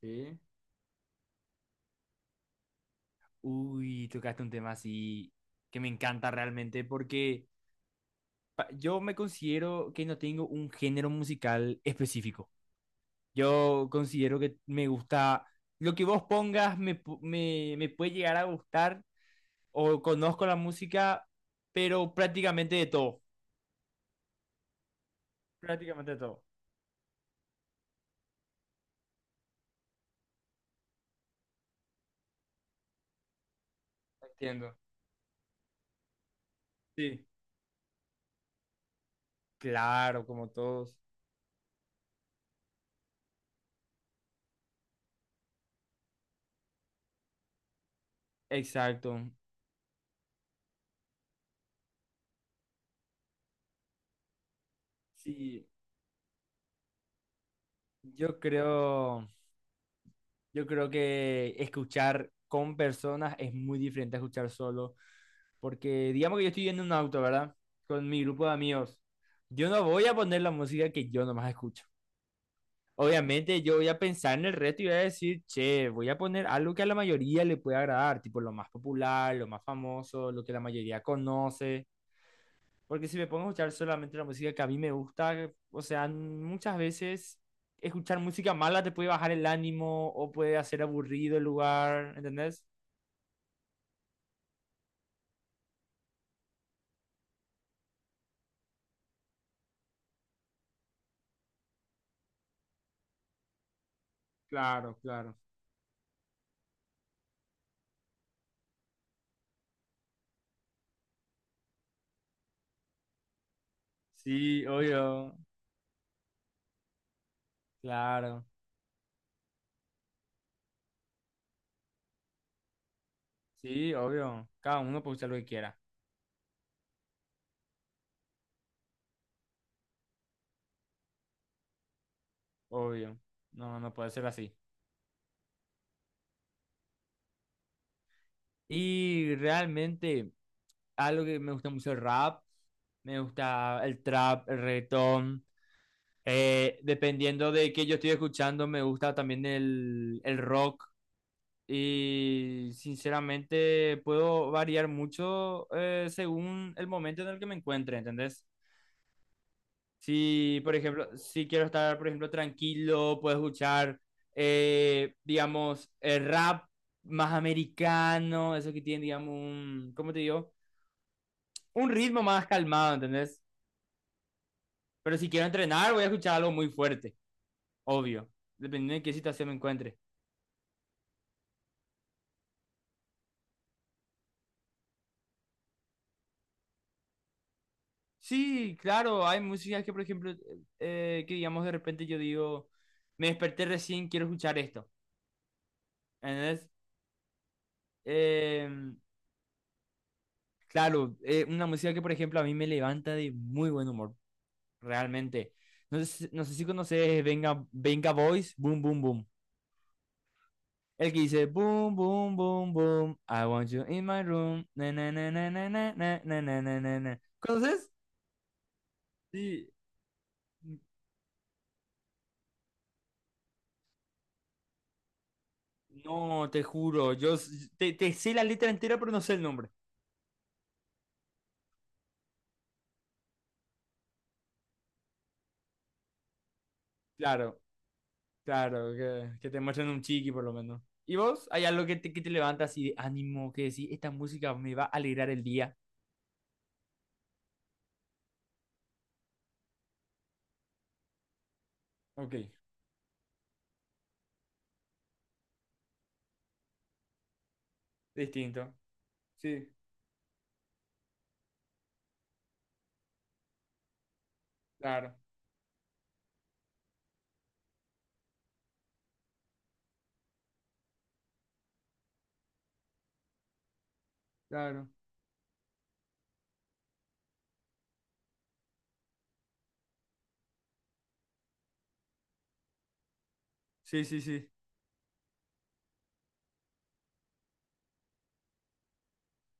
Sí. Uy, tocaste un tema así que me encanta realmente porque yo me considero que no tengo un género musical específico. Yo considero que me gusta lo que vos pongas, me puede llegar a gustar o conozco la música, pero prácticamente de todo. Prácticamente de todo. Entiendo. Sí, claro, como todos. Exacto. Sí, yo creo. Yo creo que escuchar con personas es muy diferente a escuchar solo, porque digamos que yo estoy en un auto, ¿verdad? Con mi grupo de amigos. Yo no voy a poner la música que yo nomás escucho. Obviamente yo voy a pensar en el resto y voy a decir, che, voy a poner algo que a la mayoría le pueda agradar, tipo lo más popular, lo más famoso, lo que la mayoría conoce. Porque si me pongo a escuchar solamente la música que a mí me gusta, o sea, muchas veces escuchar música mala te puede bajar el ánimo o puede hacer aburrido el lugar, ¿entendés? Claro, claro. Sí, obvio. Claro. Sí, obvio. Cada uno puede escuchar lo que quiera. Obvio. No, no puede ser así. Y realmente algo que me gusta mucho el rap, me gusta el trap, el reggaetón, dependiendo de qué yo estoy escuchando, me gusta también el rock. Y sinceramente puedo variar mucho según el momento en el que me encuentre, ¿entendés? Si, por ejemplo, si quiero estar, por ejemplo, tranquilo, puedo escuchar, digamos, el rap más americano, eso que tiene, digamos, un, ¿cómo te digo? Un ritmo más calmado, ¿entendés? Pero si quiero entrenar, voy a escuchar algo muy fuerte, obvio, dependiendo de qué situación me encuentre. Sí, claro, hay músicas que, por ejemplo, que digamos de repente yo digo, me desperté recién, quiero escuchar esto. Entonces, em, claro, una música que, por ejemplo, a mí me levanta de muy buen humor, realmente. No sé, no sé si conoces Venga, Venga Boys, Boom Boom Boom. El que dice Boom Boom Boom Boom, I want you in my room, na na na na na na na na na na na na. ¿Conoces? Sí. No, te juro, te, te sé la letra entera, pero no sé el nombre. Claro, claro, que te muestren un chiqui por lo menos. ¿Y vos? ¿Hay algo que te levanta así de ánimo, que decís, esta música me va a alegrar el día? Ok, distinto. Sí, claro, claro. Sí, sí, sí.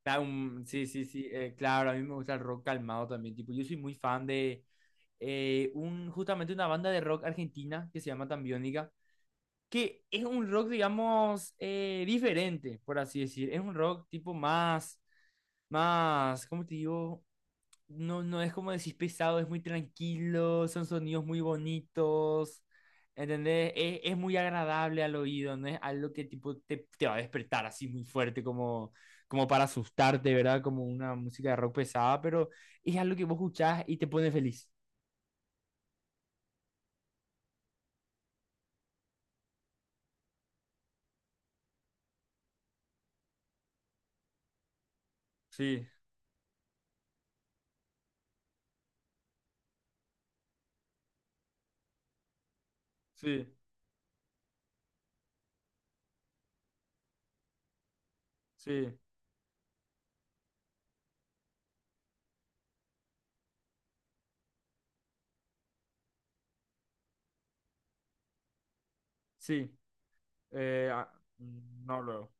Sí, sí, sí. Claro, a mí me gusta el rock calmado también. Tipo, yo soy muy fan de justamente una banda de rock argentina que se llama Tambiónica, que es un rock, digamos, diferente, por así decir. Es un rock tipo más, más, ¿cómo te digo? No, no es como decís pesado, es muy tranquilo, son sonidos muy bonitos, ¿entendés? Es muy agradable al oído, no es algo que tipo te, te va a despertar así muy fuerte como, como para asustarte, ¿verdad? Como una música de rock pesada, pero es algo que vos escuchás y te pone feliz. Sí, sí, sí, sí. Ah, no luego.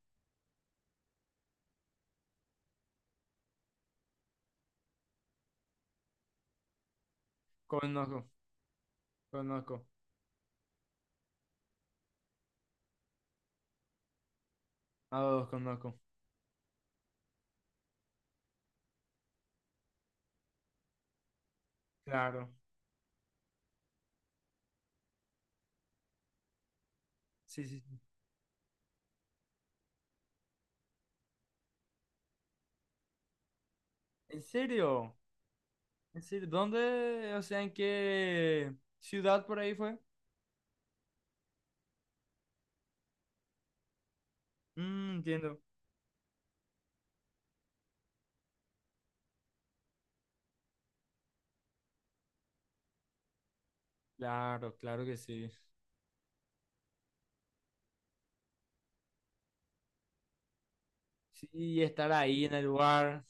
Conozco, conozco. A dos conozco. Claro. Sí, sí, sí. ¿En serio? Es decir, ¿dónde? O sea, ¿en qué ciudad por ahí fue? Mm, entiendo. Claro, claro que sí. Sí, estar ahí en el lugar.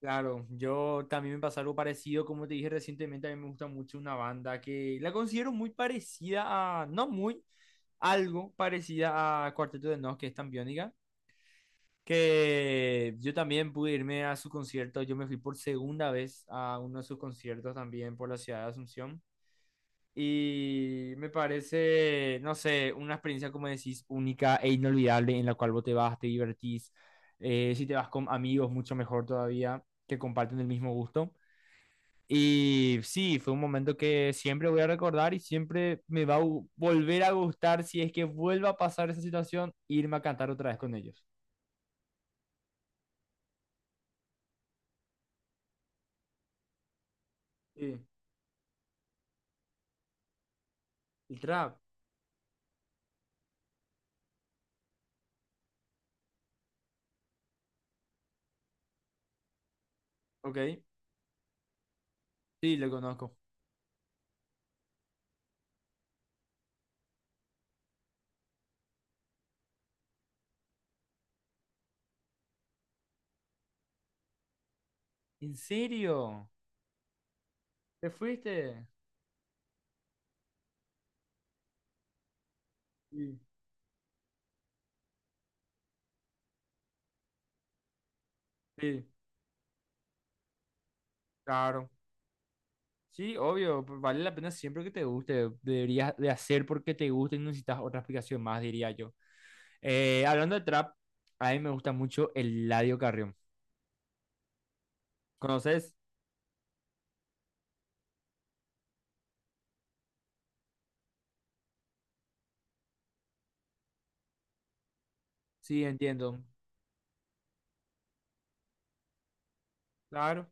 Claro, yo también me pasó algo parecido, como te dije recientemente, a mí me gusta mucho una banda que la considero muy parecida a, no muy, algo parecida a Cuarteto de Nos, que es tan que yo también pude irme a su concierto, yo me fui por segunda vez a uno de sus conciertos también por la ciudad de Asunción. Y me parece, no sé, una experiencia, como decís, única e inolvidable en la cual vos te vas, te divertís. Si te vas con amigos, mucho mejor todavía, que comparten el mismo gusto. Y sí, fue un momento que siempre voy a recordar y siempre me va a gu- volver a gustar si es que vuelva a pasar esa situación, irme a cantar otra vez con ellos. Sí, el trap, ok. Sí, lo conozco. ¿En serio? ¿Te fuiste? Sí. Sí, claro. Sí, obvio, vale la pena siempre que te guste. Deberías de hacer porque te gusta y no necesitas otra explicación más, diría yo. Hablando de trap, a mí me gusta mucho el Eladio Carrión. ¿Conoces? Sí, entiendo. Claro.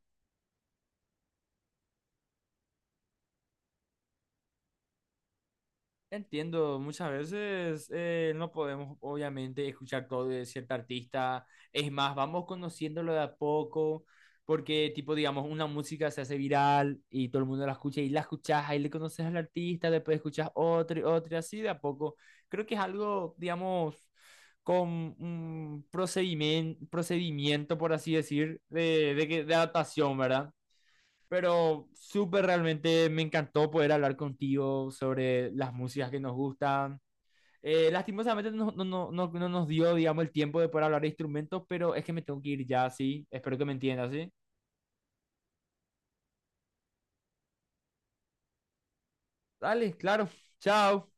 Entiendo, muchas veces no podemos obviamente escuchar todo de cierta artista, es más, vamos conociéndolo de a poco, porque tipo, digamos, una música se hace viral y todo el mundo la escucha y la escuchás, ahí le conoces al artista, después escuchas otro y otro y así de a poco. Creo que es algo, digamos, con un procedimiento, procedimiento por así decir, de adaptación, ¿verdad? Pero súper realmente me encantó poder hablar contigo sobre las músicas que nos gustan. Lastimosamente no nos dio, digamos, el tiempo de poder hablar de instrumentos, pero es que me tengo que ir ya, sí. Espero que me entiendas, sí. Dale, claro. Chao.